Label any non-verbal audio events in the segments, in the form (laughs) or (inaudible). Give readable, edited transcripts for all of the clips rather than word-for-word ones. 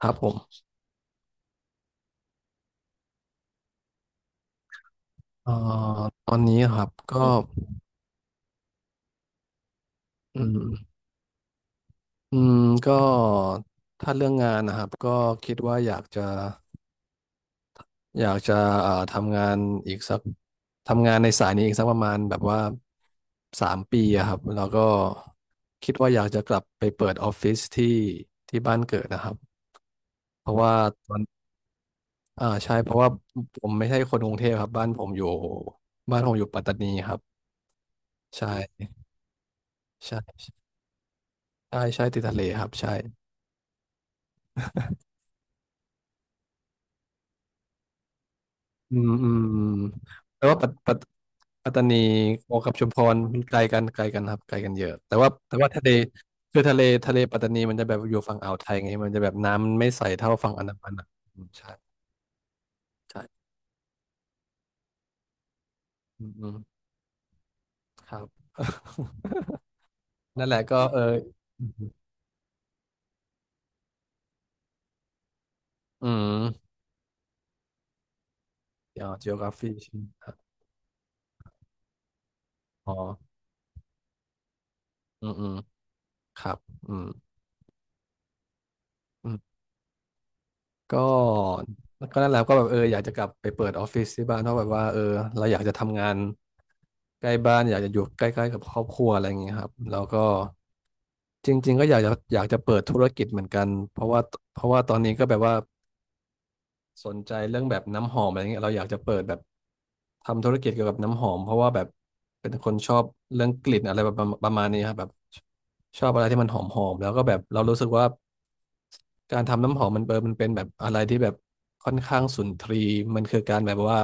ครับผมเอ่อตอนนี้ครับก็อืมอืมก็ถ้าเรื่องงานนะครับก็คิดว่าอยากจะทำงานอีกสักทำงานในสายนี้อีกสักประมาณแบบว่าสามปีอะครับแล้วก็คิดว่าอยากจะกลับไปเปิดออฟฟิศที่บ้านเกิดนะครับเพราะว่าตอนใช่เพราะว่าผมไม่ใช่คนกรุงเทพครับบ้านผมอยู่ปัตตานีครับใช่ใช่ใช่ใช่ติดทะเลครับใช่ อืมอืมแต่ว่าปัตตานีกับชุมพรมันไกลกันครับไกลกันเยอะแต่ว่าทะเลคือทะเลปัตตานีมันจะแบบอยู่ฝั่งอ่าวไทยไงมันจะแบบน้ำไม่ใสเท่าฝั่งอันดามันอ่ะอืมใช่ใช่อืมอืมครับ (laughs) นั่นแหละก็เอออืมอืมเดี๋ยว geography ใช่ไหมครับอ๋ออืมอืมครับอืม ก็ก็นั่นแหละก็แบบเอออยากจะกลับไปเปิดออฟฟิศที่บ้านเพราะแบบว่าเออเราอยากจะทำงานใกล้บ้านอยากจะอยู่ใกล้ๆกับครอบครัวอะไรอย่างเงี้ยครับแล้วก็จริงๆก็อยากจะเปิดธุรกิจเหมือนกันเพราะว่าตอนนี้ก็แบบว่า สนใจเรื่องแบบน้ำหอมอะไรเงี้ยเราอยากจะเปิดแบบทำธุรกิจเกี่ยวกับน้ำหอมเพราะว่าแบบเป็นคนชอบเรื่องกลิ่นอะไรแบบประมาณนี้ครับแบบชอบอะไรที่มันหอมแล้วก็แบบเรารู้สึกว่าการทำน้ำหอมมันเปิดมันเป็นแบบอะไรที่แบบค่อนข้างสุนทรีย์มันคือการแบบว่า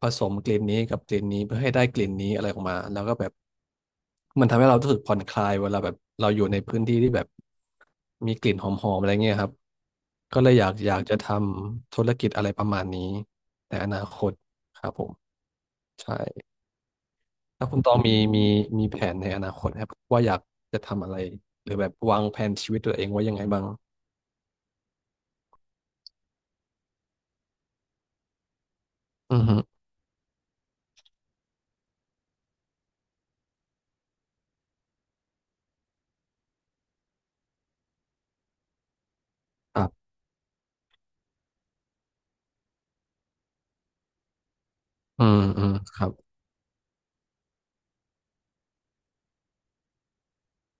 ผสมกลิ่นนี้กับกลิ่นนี้เพื่อให้ได้กลิ่นนี้อะไรออกมาแล้วก็แบบ มันทำให้เรารู้สึกผ่อนคลายเวลาแบบเราอยู่ในพื้นที่ที่แบบมีกลิ่นหอมๆอะไรเงี้ยครับก็เลยอยากจะทำธุรกิจอะไรประมาณนี้ในอนาคตครับผมใช่แล้วคุณตองมีแผนในอนาคตครับว่าอยากจะทำอะไรหรือแบบวางแผนชีวิตตัวเองไว่ายังไงบ้างอืมครับอืมอืมครับ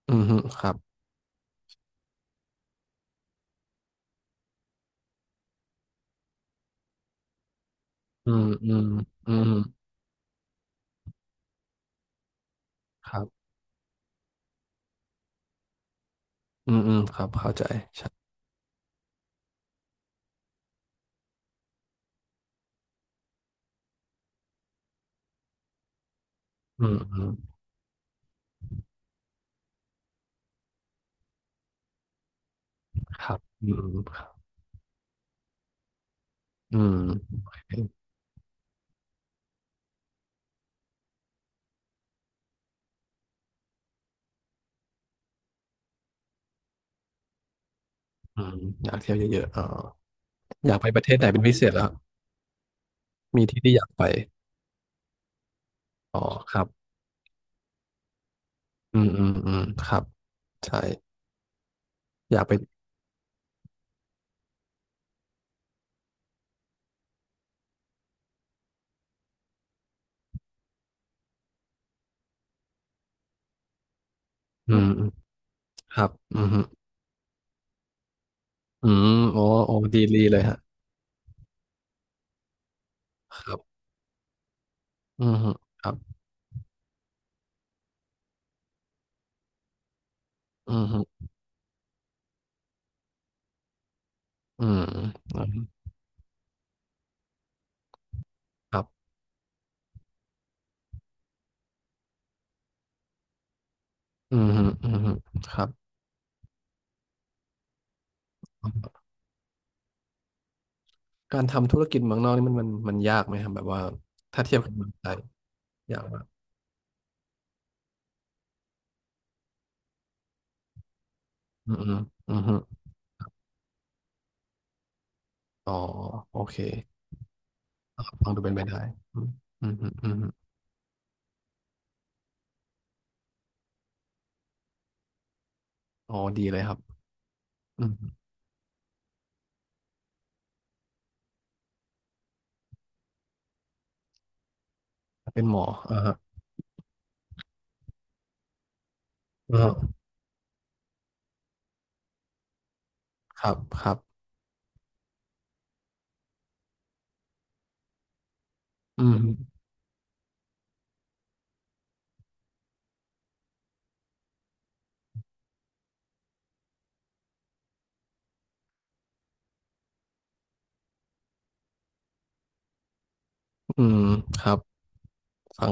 อืมครับอืมอืมอืมครับอืมอืมครับเข้าใจใช่อืมอืมครับอืมอืม อืมอยากเที่ยวเยอะๆเอ๋ออยากไปประเทศไหนเป็นพิเศษแล้วมีที่ที่อยากไปอ๋อครับอืมอืมอืมครับใช่อยากไปอืมอืมครับอืมฮึอืมโอ้โอ้ดีดีเลยฮะครับอืมฮึครับอืมฮึอืมอืมครับอืมฮึอืมฮึครับการทำธุรกิจเมืองนอกนี่มันยากไหมครับแบบว่าถ้าเทียบกับเมืองไทยยากมากอืมอืมอืมฮึอ๋อโอเคฟังดูเป็นไปได้อืมอืมฮึอืมฮึอ๋อดีเลยครับอืม เป็นหมออ่าฮะอ่าฮะครับครับอืมอืมครับฟัง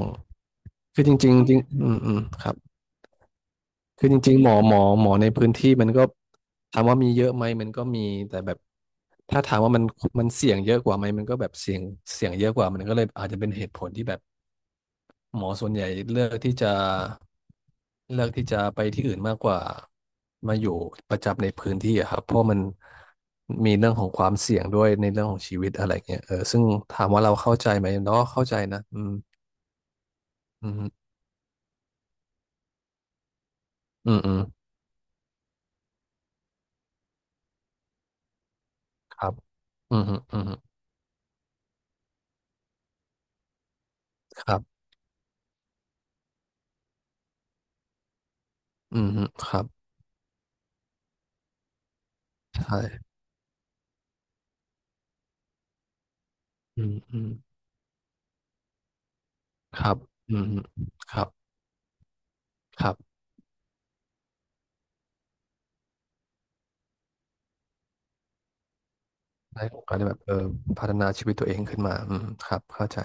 คือจริงๆจริงอืมอืมครับคือจริงๆหมอในพื้นที่มันก็ถามว่ามีเยอะไหมมันก็มีแต่แบบถ้าถามว่ามันเสี่ยงเยอะกว่าไหมมันก็แบบเสี่ยงเสี่ยงเยอะกว่ามันก็เลยอาจจะเป็นเหตุผลที่แบบ หมอส่วนใหญ่เลือกที่จะเลือกที่จะไปที่อื่นมากกว่ามาอยู่ประจำในพื้นที่อะครับเพราะมันมีเรื่องของความเสี่ยงด้วยในเรื่องของชีวิตอะไรเงี้ยเออซึ่งถามว่าเราเข้าใจไหมเราก็เข้าใจนะอืมอืมอืมอืมครับอืมฮึอืมครับอืมครับใช่อืมอืมครับอืมครับครับได้โอกาสได้แบบเออพัฒนาชีวิตตัวเองขึ้นมาอืมครับเข้าใจ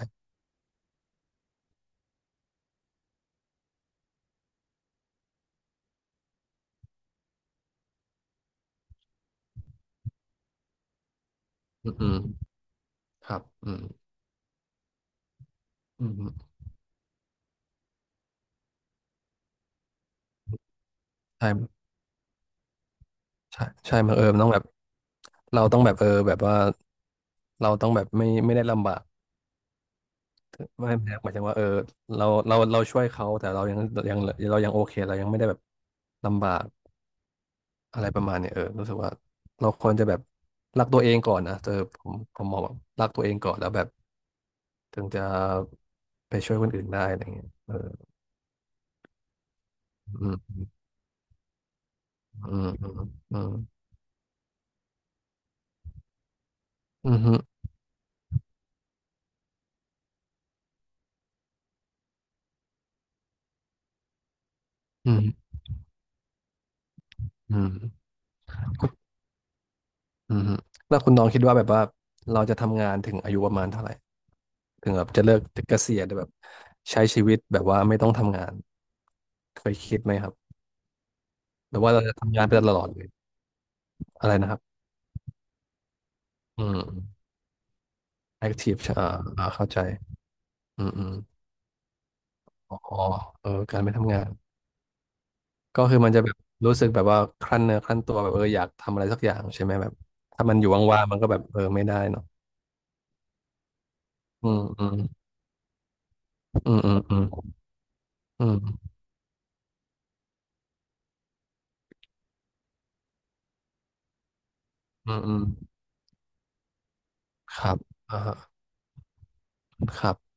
อืมอืมครับอืมอืมใช่ ใช่ใช่บังเออมันต้องแบบเราต้องแบบเออแบบว่าเราต้องแบบไม่ได้ลำบากไม่หมายถึงว่าเออเราช่วยเขาแต่เรายังยังเรายังโอเคเรายังไม่ได้แบบลำบากอะไรประมาณเนี้ยเออรู้สึกว่าเราควรจะแบบรักตัวเองก่อนนะเออผมมองแบบรักตัวเองก่อนแล้วแบบถึงจะไปช่วยคนอื่นได้อะไรเงี้ยเอออืมอืมอืมอืมอืมอืมอืม อืมฮึแล้วคุณน้องคิดว่าแบบว่าเราจะทำงานถึงอายุประมาณเท่าไหร่ถึงแบบจะเลิกเกษียณแบบใช้ชีวิตแบบว่าไม่ต้องทำงานเคยคิดไหมครับหรือว่าเราจะทำงานไปตลอดเลยอะไรนะครับอืมแอคทีฟอ่าอ่าเข้าใจอืมอืมอ๋อเออการไม่ทำงานก็คือมันจะแบบรู้สึกแบบว่าครั่นเนื้อครั่นตัวแบบเอออยากทำอะไรสักอย่างใช่ไหมแบบถ้ามันอยู่ว่างๆมันก็แบบเออไม่ได้เนาะอืมอืมอืมอืมอืมอืมอืมครับอ่าฮะครับ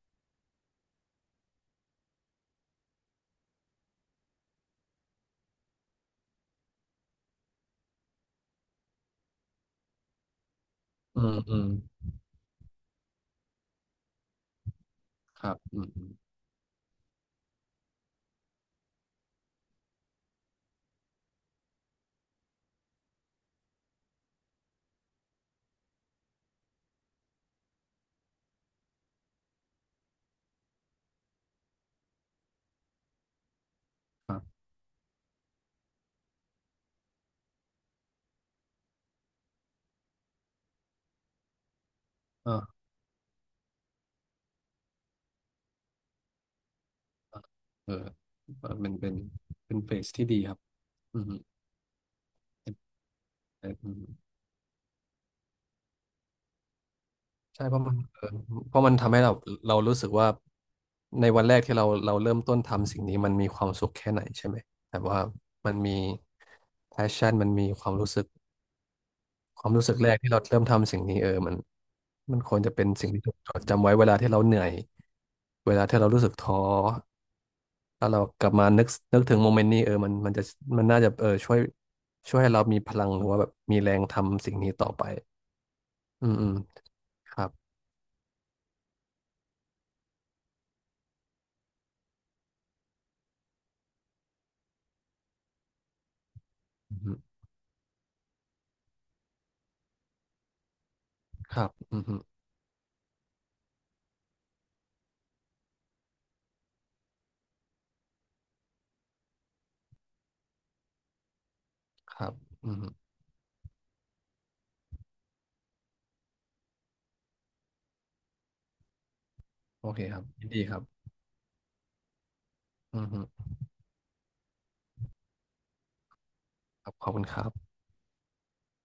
อืมอืมครับอืมอืมครับเออเออเออเป็นเป็นเฟสที่ดีครับอืมเออใช่เพราะมันเออเพราะมันทำให้เรารู้สึกว่าในวันแรกที่เราเริ่มต้นทำสิ่งนี้มันมีความสุขแค่ไหนใช่ไหมแต่ว่ามันมี passion มันมีความรู้สึก ความรู้สึกแรกที่เราเริ่มทำสิ่งนี้เออมันควรจะเป็นสิ่งที่ถูกจดจำไว้เวลาที่เราเหนื่อยเวลาที่เรารู้สึกท้อถ้าเรากลับมานึกถึงโมเมนต์นี้เออมันน่าจะเออช่วยให้เรามีพลังหรือว่าแบบมีแรงทำสิ่งนี้ต่อไปอืมอืมครับอืมอืมครับอืมอืมครับอืมอืมโอเคครับยินดีครับอืมอืมครับขอบคุณครับ